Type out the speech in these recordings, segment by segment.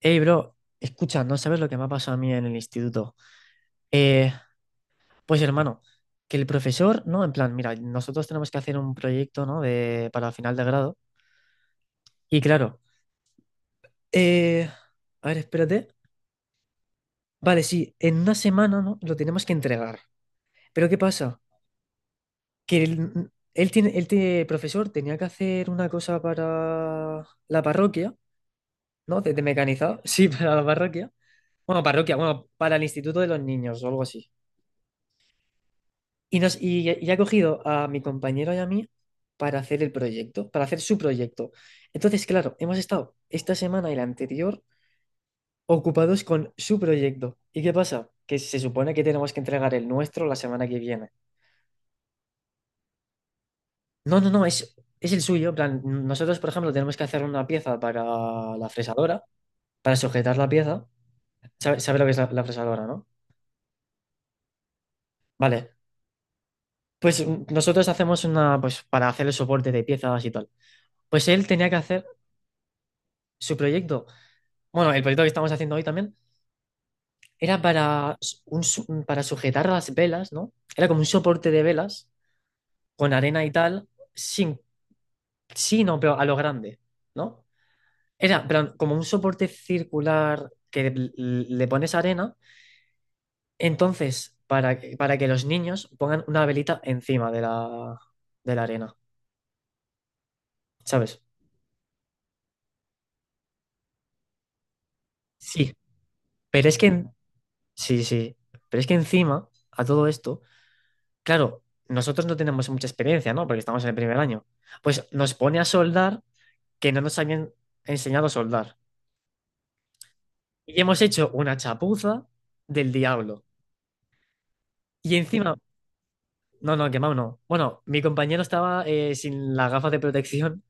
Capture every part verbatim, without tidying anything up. Hey, bro, escucha, no sabes lo que me ha pasado a mí en el instituto. Eh, pues hermano, que el profesor, ¿no? En plan, mira, nosotros tenemos que hacer un proyecto, ¿no? De, para final de grado. Y claro, eh, a ver, espérate. Vale, sí, en una semana, ¿no? Lo tenemos que entregar. Pero ¿qué pasa? Que él, él tiene, el te- profesor tenía que hacer una cosa para la parroquia, ¿no? De, de mecanizado. Sí, para la parroquia. Bueno, parroquia, bueno, para el instituto de los niños o algo así. Y, nos, y, y ha cogido a mi compañero y a mí para hacer el proyecto, para hacer su proyecto. Entonces, claro, hemos estado esta semana y la anterior ocupados con su proyecto. ¿Y qué pasa? Que se supone que tenemos que entregar el nuestro la semana que viene. No, no, no, es, es el suyo. En plan, nosotros, por ejemplo, tenemos que hacer una pieza para la fresadora, para sujetar la pieza. ¿Sabe, sabe lo que es la, la fresadora, no? Vale. Pues mm, nosotros hacemos una, pues para hacer el soporte de piezas y tal. Pues él tenía que hacer su proyecto. Bueno, el proyecto que estamos haciendo hoy también era para, s- un su- para sujetar las velas, ¿no? Era como un soporte de velas con arena y tal, sin, sí, no, pero a lo grande, ¿no? Era pero como un soporte circular que l- le pones arena, entonces, para, que- para que los niños pongan una velita encima de la, de la arena, ¿sabes? Sí, pero es que, en- sí, sí, pero es que encima a todo esto. Claro, nosotros no tenemos mucha experiencia, ¿no? Porque estamos en el primer año. Pues nos pone a soldar, que no nos habían enseñado a soldar. Y hemos hecho una chapuza del diablo. Y encima, no, no, quemado no. Bueno, mi compañero estaba eh, sin las gafas de protección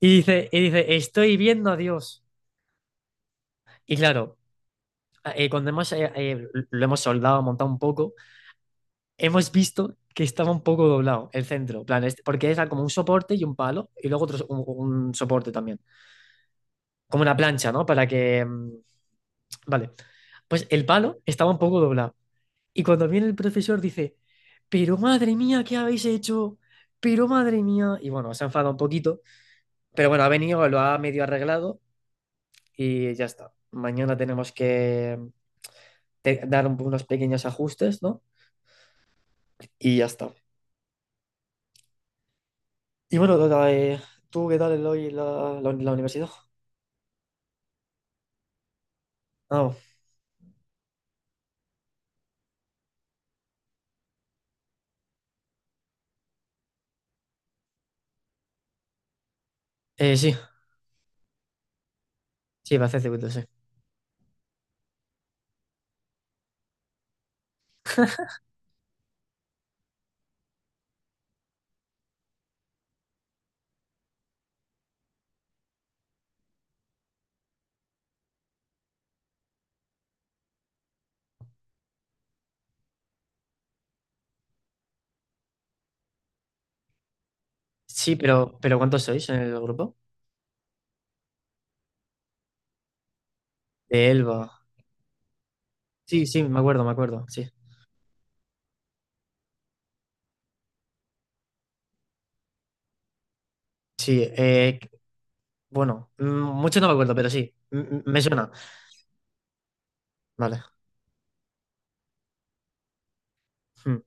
y dice, y dice, estoy viendo a Dios. Y claro, eh, cuando hemos, eh, eh, lo hemos soldado, montado un poco, hemos visto que estaba un poco doblado el centro. En plan, este- porque era como un soporte y un palo y luego otro, so- un un soporte también. Como una plancha, ¿no? Para que... mm, vale. Pues el palo estaba un poco doblado. Y cuando viene el profesor dice, pero madre mía, ¿qué habéis hecho? Pero madre mía. Y bueno, se ha enfadado un poquito. Pero bueno, ha venido, lo ha medio arreglado y ya está. Mañana tenemos que mm, te- dar un- unos pequeños ajustes, ¿no? Y ya está. Y bueno, Dora, eh, ¿tú qué tal el hoy la, la, la universidad? Ah, bueno. eh, sí, sí, va a hacer circuito, sí. Sí, pero, pero ¿cuántos sois en el grupo? De Elba. Sí, sí, me acuerdo, me acuerdo, sí. Sí, eh, bueno, mm, mucho no me acuerdo, pero sí, mm, mm, me suena. Vale. Mm.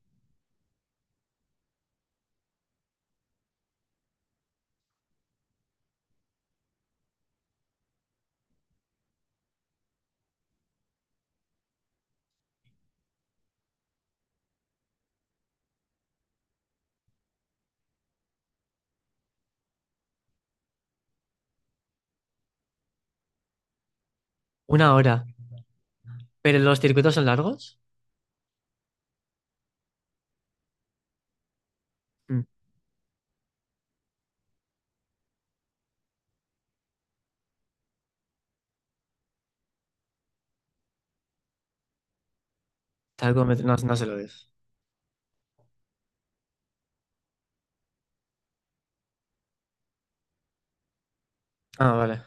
Una hora. ¿Pero los circuitos son largos? Mm. Talcómetro, no, no se lo dices. Ah, vale.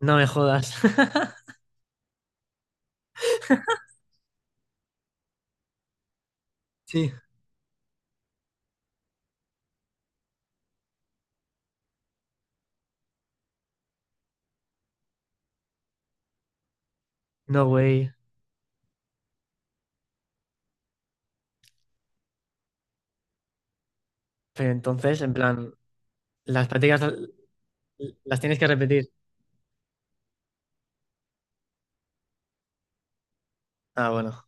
No me jodas. Sí. No, güey. Pero entonces, en plan, las prácticas l- las tienes que repetir. Ah, bueno.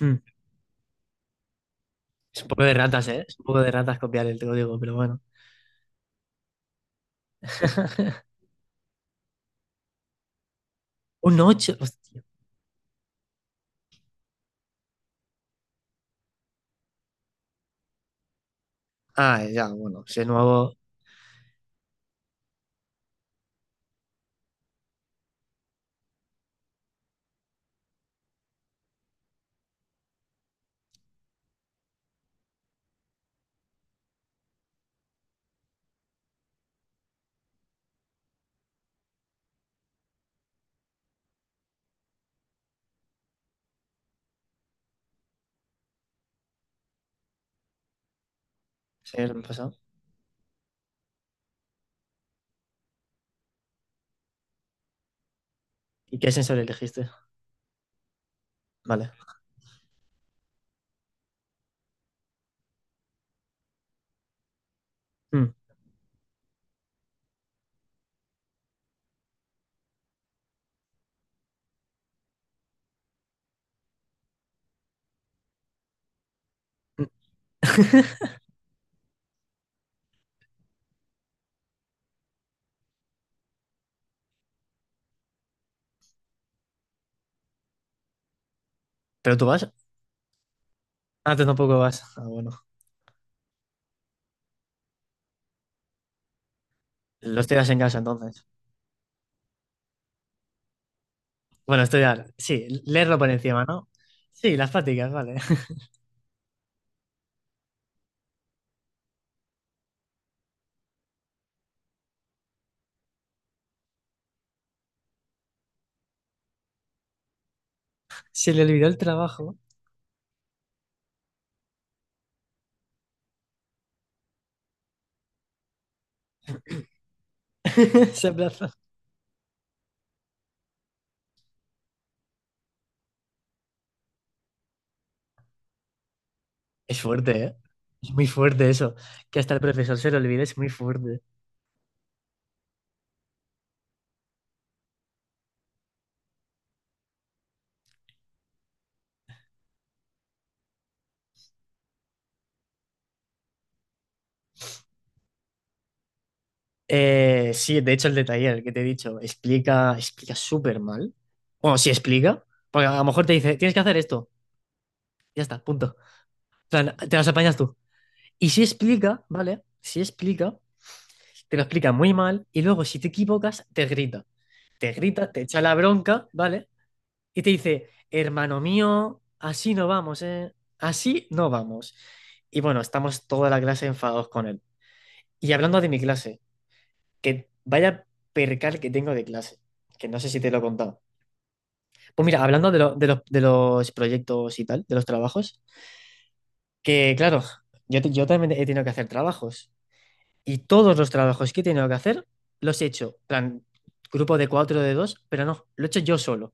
Mm. Es un poco de ratas, ¿eh? Es un poco de ratas copiar el código, pero bueno. Un ocho. Hostia. Ah, ya, bueno. Si es nuevo, si es el pasado. ¿Y qué sensor elegiste? Vale. Mm. ¿Pero tú vas? Ah, tú tampoco vas. Ah, bueno. Lo estudias en casa entonces. Bueno, estudiar. Sí, leerlo por encima, ¿no? Sí, las prácticas, vale. Se le olvidó el trabajo. Se aplazó. Es fuerte, ¿eh? Es muy fuerte eso. Que hasta el profesor se lo olvide es muy fuerte. Eh, sí, de hecho, el de taller que te he dicho explica, explica súper mal. Bueno, sí explica. Porque a lo mejor te dice, tienes que hacer esto. Ya está, punto. En plan, te las apañas tú. Y si explica, ¿vale? Si explica, te lo explica muy mal y luego si te equivocas, te grita. Te grita, te echa la bronca, ¿vale? Y te dice, hermano mío, así no vamos, ¿eh? Así no vamos. Y bueno, estamos toda la clase enfadados con él. Y hablando de mi clase, que vaya percal que tengo de clase, que no sé si te lo he contado. Pues mira, hablando de, lo- de los, de los proyectos y tal, de los trabajos, que claro, yo, te- yo también he tenido que hacer trabajos. Y todos los trabajos que he tenido que hacer los he hecho, plan, grupo de cuatro de dos, pero no, lo he hecho yo solo,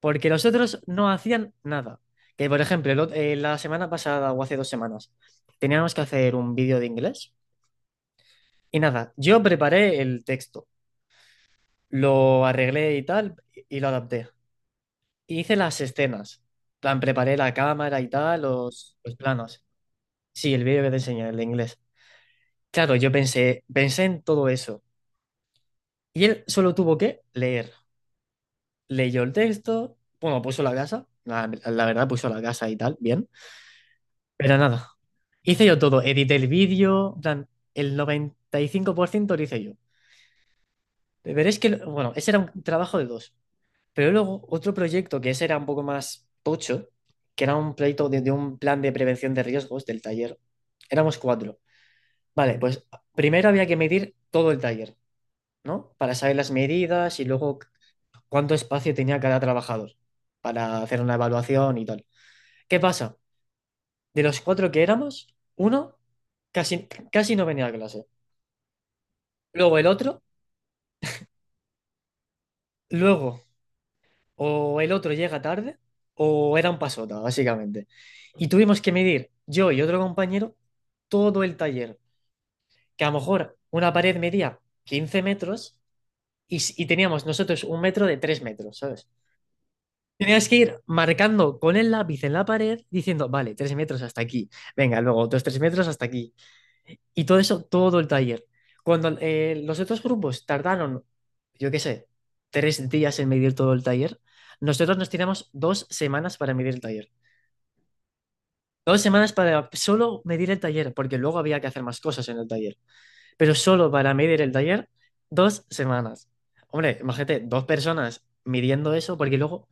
porque los otros no hacían nada. Que, por ejemplo, el ot- eh, la semana pasada o hace dos semanas teníamos que hacer un vídeo de inglés y nada, yo preparé el texto, lo arreglé y tal, y lo adapté. Y hice las escenas, plan, preparé la cámara y tal, los, los planos. Sí, el vídeo que te enseñé, el de inglés. Claro, yo pensé, pensé en todo eso. Y él solo tuvo que leer. Leyó el texto, bueno, puso la casa, la, la verdad puso la casa y tal, bien, pero nada, hice yo todo, edité el vídeo, en plan, el noventa y cinco por ciento lo hice yo. Pero es que, bueno, ese era un trabajo de dos, pero luego otro proyecto que ese era un poco más tocho, que era un proyecto de, de un plan de prevención de riesgos del taller, éramos cuatro. Vale, pues primero había que medir todo el taller, ¿no? Para saber las medidas y luego cuánto espacio tenía cada trabajador para hacer una evaluación y tal. ¿Qué pasa? De los cuatro que éramos, uno casi, casi no venía a clase. Luego el otro, luego o el otro llega tarde o era un pasota, básicamente. Y tuvimos que medir, yo y otro compañero, todo el taller, que a lo mejor una pared medía quince metros y, s- y teníamos nosotros un metro de tres metros, ¿sabes? Tenías que ir marcando con el lápiz en la pared diciendo, vale, tres metros hasta aquí, venga, luego otros tres metros hasta aquí. Y todo eso, todo el taller. Cuando eh, los otros grupos tardaron, yo qué sé, tres días en medir todo el taller, nosotros nos tiramos dos semanas para medir el taller. Dos semanas para solo medir el taller, porque luego había que hacer más cosas en el taller. Pero solo para medir el taller, dos semanas. Hombre, imagínate, dos personas midiendo eso, porque luego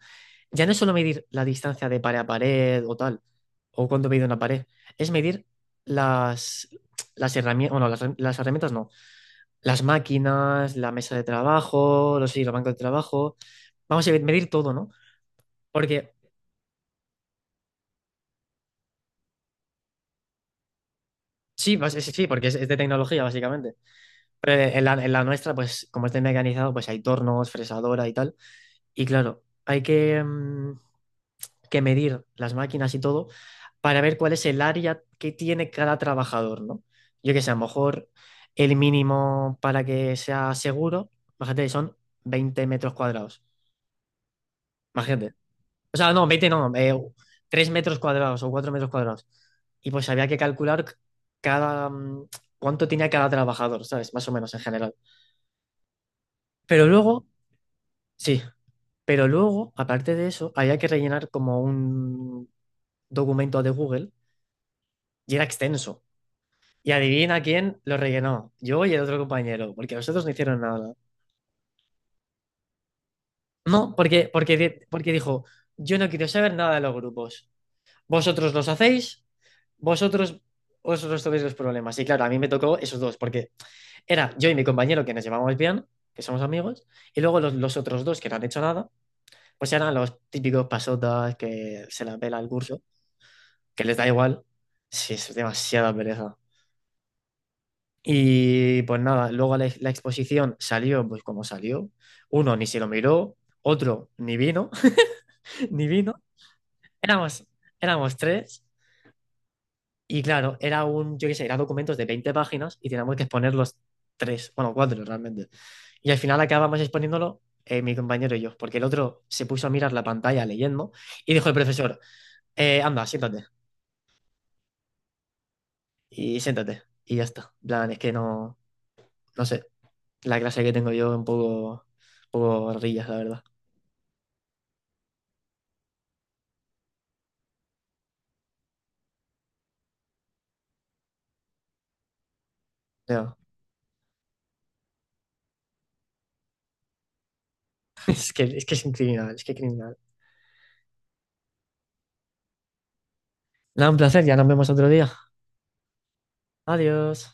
ya no es solo medir la distancia de pared a pared o tal, o cuánto mide una pared, es medir las, las herramientas, bueno, las, las herramientas no, las máquinas, la mesa de trabajo, los, sí, los bancos de trabajo. Vamos a medir todo, ¿no? Porque sí, pues, sí, sí, porque es, es de tecnología, básicamente. Pero en la, en la nuestra, pues como está mecanizado, pues hay tornos, fresadora y tal. Y claro, hay que, mm, que medir las máquinas y todo para ver cuál es el área que tiene cada trabajador, ¿no? Yo que sé, a lo mejor el mínimo para que sea seguro, imagínate, son veinte metros cuadrados. Imagínate, o sea, no, veinte no, eh, tres metros cuadrados o cuatro metros cuadrados. Y pues había que calcular cada, mm, cuánto tenía cada trabajador, ¿sabes? Más o menos en general. Pero luego, sí, pero luego, aparte de eso, había que rellenar como un documento de Google y era extenso. Y adivina quién lo rellenó, yo y el otro compañero, porque los otros no hicieron nada. No, porque, porque, di- porque dijo, yo no quiero saber nada de los grupos. Vosotros los hacéis vosotros, os resolvéis los problemas. Y claro, a mí me tocó esos dos, porque era yo y mi compañero que nos llevábamos bien, que somos amigos, y luego los, los otros dos que no han hecho nada, pues eran los típicos pasotas que se la pela el curso, que les da igual. Sí, es demasiada pereza. Y pues nada, luego la, la exposición salió pues como salió. Uno ni se lo miró, otro ni vino, ni vino. Éramos, éramos tres. Y claro, era un, yo qué sé, era documentos de veinte páginas y teníamos que exponer los tres, bueno, cuatro realmente. Y al final acabamos exponiéndolo eh, mi compañero y yo, porque el otro se puso a mirar la pantalla leyendo y dijo el profesor, "Eh, anda, siéntate y siéntate." Y ya está. En plan, es que no, no sé, la clase que tengo yo es un poco, un poco rillas, la verdad. No, es que, es que es un criminal, es que criminal. Nada, un placer, ya nos vemos otro día. Adiós.